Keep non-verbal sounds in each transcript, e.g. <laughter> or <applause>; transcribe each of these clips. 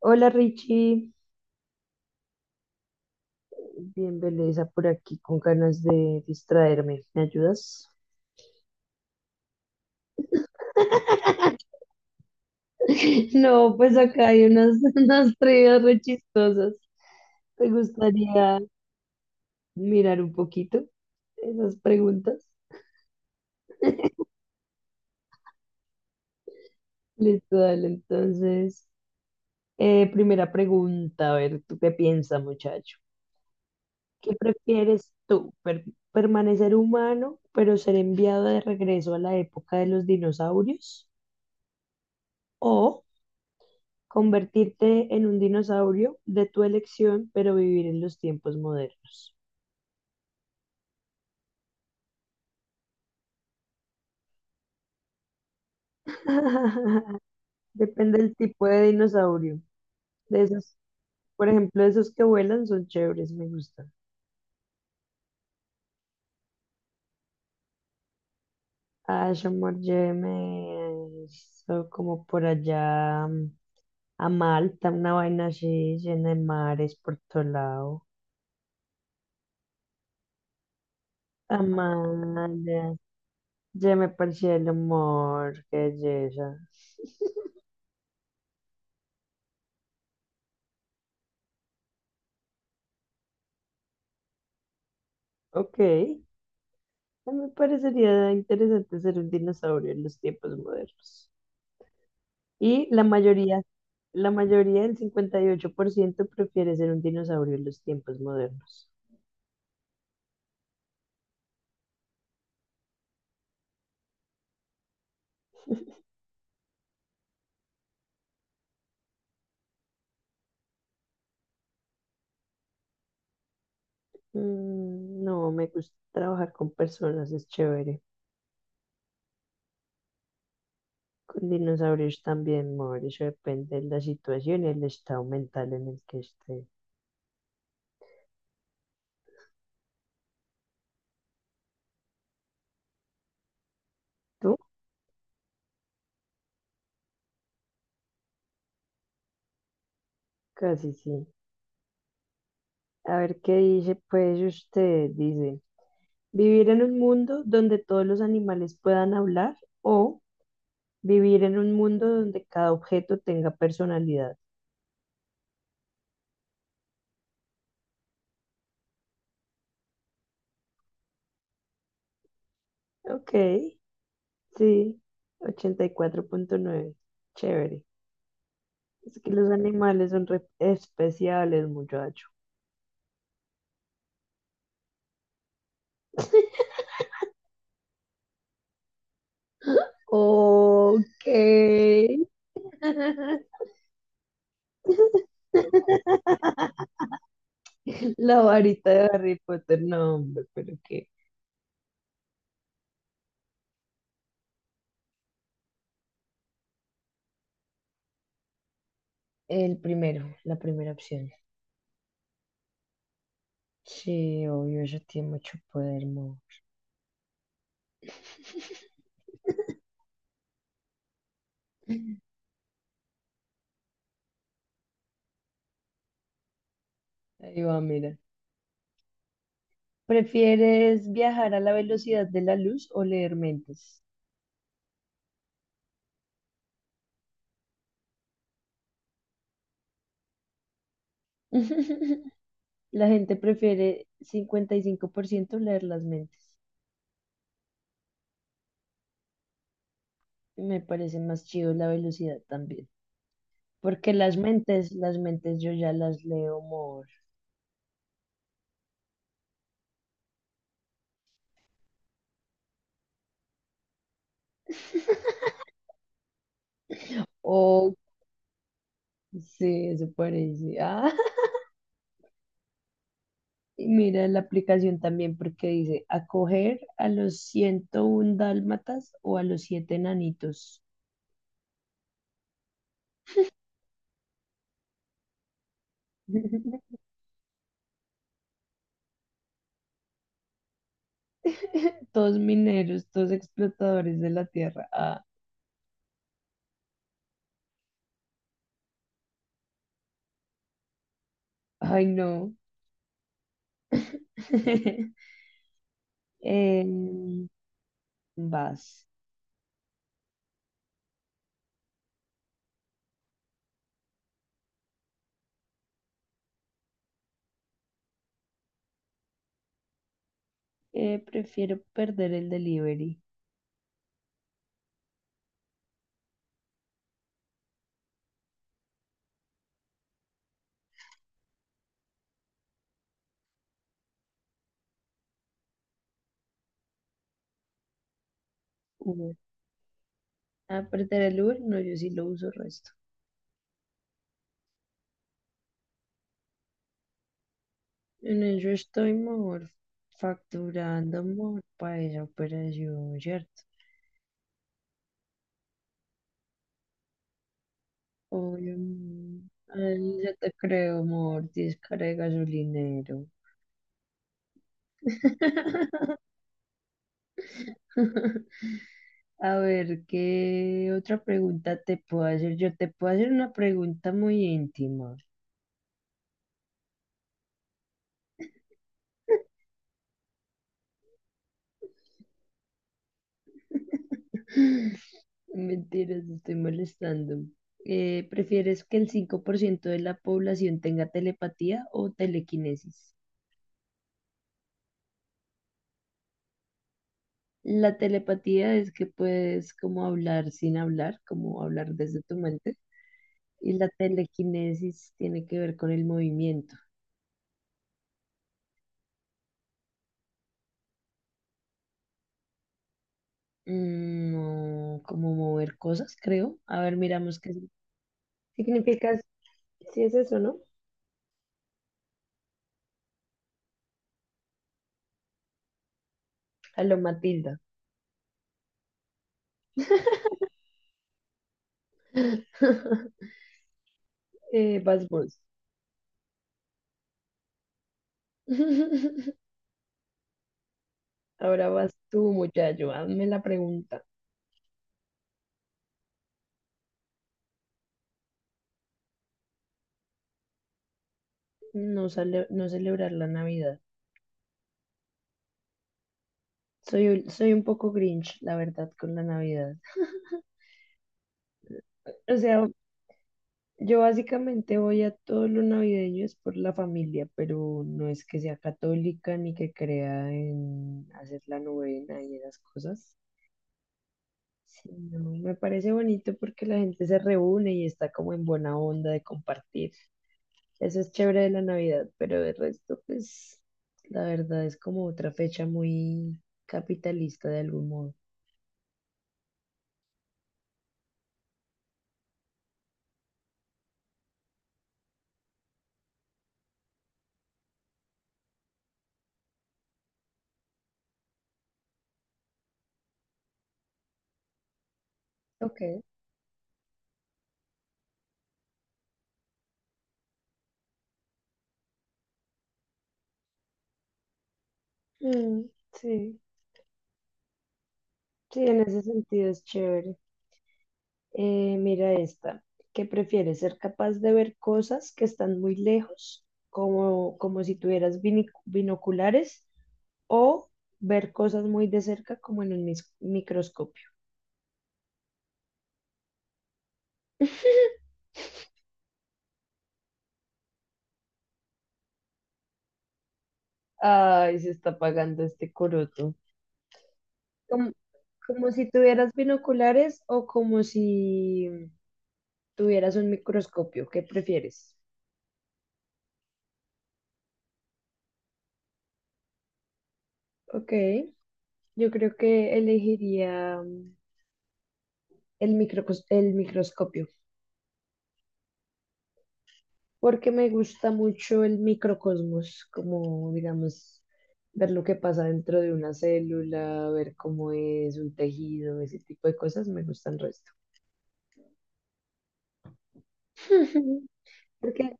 Hola Richie, bien belleza por aquí con ganas de distraerme. ¿Me ayudas? <laughs> No, pues acá hay unas, <laughs> unas trivias re chistosas. ¿Te gustaría mirar un poquito esas preguntas? Listo, dale. Entonces, primera pregunta, a ver, ¿tú qué piensas, muchacho? ¿Qué prefieres tú? ¿Permanecer humano, pero ser enviado de regreso a la época de los dinosaurios? ¿O convertirte en un dinosaurio de tu elección, pero vivir en los tiempos modernos? <laughs> Depende del tipo de dinosaurio. De esos, por ejemplo, esos que vuelan son chéveres, me gustan. Ash, me hizo como por allá a Malta, una vaina así llena de mares por todo lado. Amalia, ya me parecía el humor, qué belleza. <laughs> Ok, a mí me parecería interesante ser un dinosaurio en los tiempos modernos. Y la mayoría, el 58% prefiere ser un dinosaurio en los tiempos modernos. Mm, no, me gusta trabajar con personas, es chévere. Con dinosaurios también, amor, eso depende de la situación y el estado mental en el que esté. ¿Tú? Casi sí. A ver qué dice, pues usted dice, vivir en un mundo donde todos los animales puedan hablar o vivir en un mundo donde cada objeto tenga personalidad. Ok, sí, 84,9. Chévere. Es que los animales son re- especiales, muchacho. <laughs> Ok. <laughs> La varita de Harry Potter, no, hombre, pero qué. El primero, la primera opción. Sí, obvio, ella tiene mucho poder, mo. <laughs> Ahí va, mira. ¿Prefieres viajar a la velocidad de la luz o leer mentes? <laughs> La gente prefiere 55% leer las mentes. Me parece más chido la velocidad también. Porque las mentes yo ya las leo more. Oh, sí, eso parece. Ah, <laughs> y mira la aplicación también porque dice acoger a los 101 dálmatas o a los siete nanitos. <laughs> Todos mineros, todos explotadores de la tierra. Ah. Ay, no. <laughs> Em, vas. Prefiero perder el delivery. Uber. Ah, perder el Uber, no, yo sí lo uso resto. En eso estoy mejor facturando mejor para esa operación, ¿cierto? Obvio, amor. Ay, ya te creo, amor. 10 cara de gasolinero. <laughs> A ver, ¿qué otra pregunta te puedo hacer? Yo te puedo hacer una pregunta muy íntima. <laughs> Mentiras, estoy molestando. ¿Prefieres que el 5% de la población tenga telepatía o telequinesis? La telepatía es que puedes como hablar sin hablar, como hablar desde tu mente. Y la telequinesis tiene que ver con el movimiento. Mm, no, como mover cosas, creo. A ver, miramos qué significa, si es eso, ¿no? A lo Matilda. <laughs> Vas vos. <laughs> Ahora vas tú, muchacho, hazme la pregunta. No, no celebrar la Navidad. Soy, soy un poco Grinch, la verdad, con la Navidad. O sea, yo básicamente voy a todo lo navideño es por la familia, pero no es que sea católica ni que crea en hacer la novena y esas cosas. Sí, no, me parece bonito porque la gente se reúne y está como en buena onda de compartir. Eso es chévere de la Navidad, pero de resto, pues, la verdad es como otra fecha muy capitalista de algún modo. Ok. Mm, sí, sí, en ese sentido es chévere. Mira esta. ¿Qué prefieres? ¿Ser capaz de ver cosas que están muy lejos, como, como si tuvieras binoculares, o ver cosas muy de cerca, como en un microscopio? <laughs> Ay, se está apagando este coroto. Como, como si tuvieras binoculares o como si tuvieras un microscopio, ¿qué prefieres? Ok, yo creo que elegiría el el microscopio, porque me gusta mucho el microcosmos, como digamos, ver lo que pasa dentro de una célula, ver cómo es un tejido, ese tipo de cosas, me gustan resto. <laughs> Porque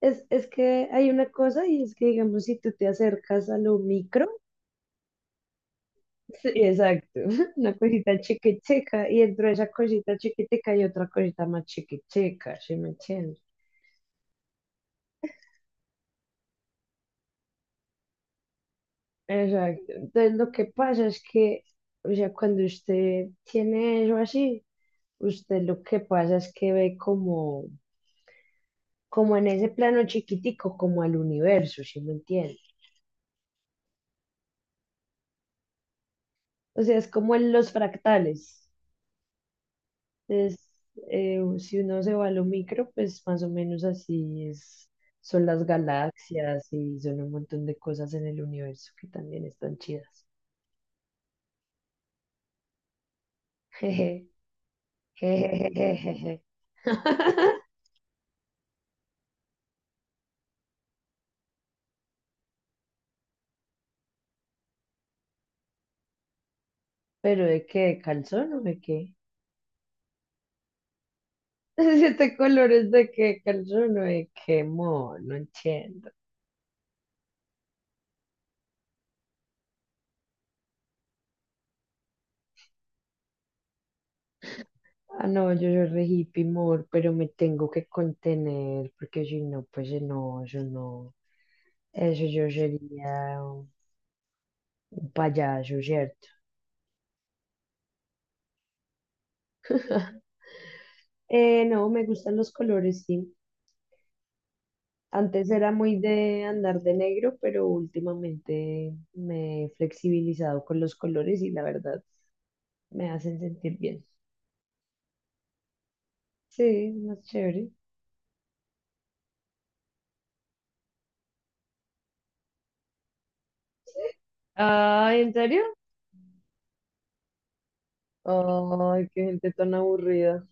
es que hay una cosa y es que, digamos, si tú te acercas a lo micro. Sí, exacto, <laughs> una cosita chiquitica y dentro de esa cosita chiquitica hay otra cosita más chiquitica, ¿sí me entiendes? Exacto, entonces lo que pasa es que, o sea, cuando usted tiene eso así, usted lo que pasa es que ve como, como en ese plano chiquitico, como al universo, ¿sí me entiende? O sea, es como en los fractales. Es, si uno se va a lo micro, pues más o menos así es, son las galaxias y son un montón de cosas en el universo que también están chidas. Jeje, jejejejeje. <laughs> ¿Pero de qué? ¿De calzón o de qué? <laughs> Siete colores de qué calzón o de qué amor, no entiendo. Ah, no, yo soy re hippie, amor, pero me tengo que contener porque si no, pues no, yo no. Eso yo sería. Un payaso, ¿cierto? <laughs> No, me gustan los colores, sí. Antes era muy de andar de negro, pero últimamente me he flexibilizado con los colores y la verdad me hacen sentir bien. Sí, más chévere. Ay, ¿en serio? Ay, qué gente tan aburrida.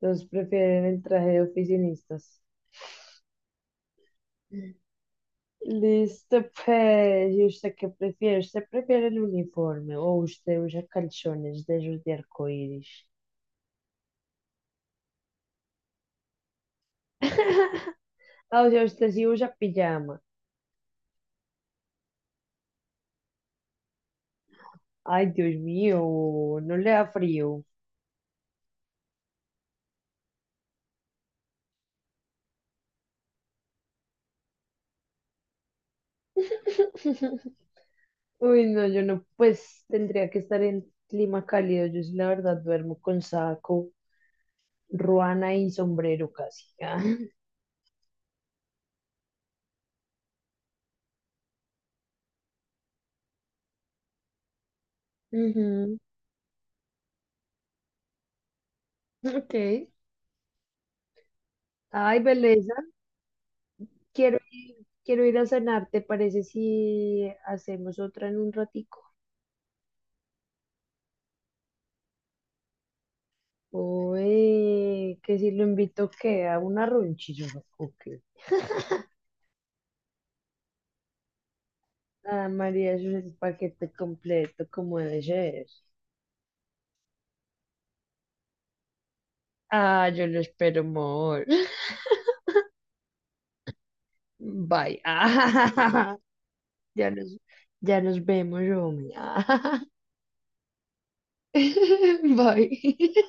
Los prefieren el traje de oficinistas. Listo, pues, ¿y usted qué prefiere? ¿Usted prefiere el uniforme o usted usa calzones de esos de arcoíris? <laughs> Ah, o sea, usted sí usa pijama. Ay, Dios mío, no le da frío. <laughs> Uy, no, yo no, pues tendría que estar en clima cálido. Yo sí, la verdad, duermo con saco, ruana y sombrero casi. <laughs> Ah, ujú, ok. Ay, belleza. Quiero ir, quiero ir a cenar, ¿te parece si hacemos otra en un ratico? Oye, que si lo invito que a una ronchilla o qué. Ah, María, eso es el paquete completo, como debe ser. Ah, yo lo espero, amor. <laughs> Bye. <laughs> Ah, ya nos, ya nos vemos, Romy. <laughs> bye.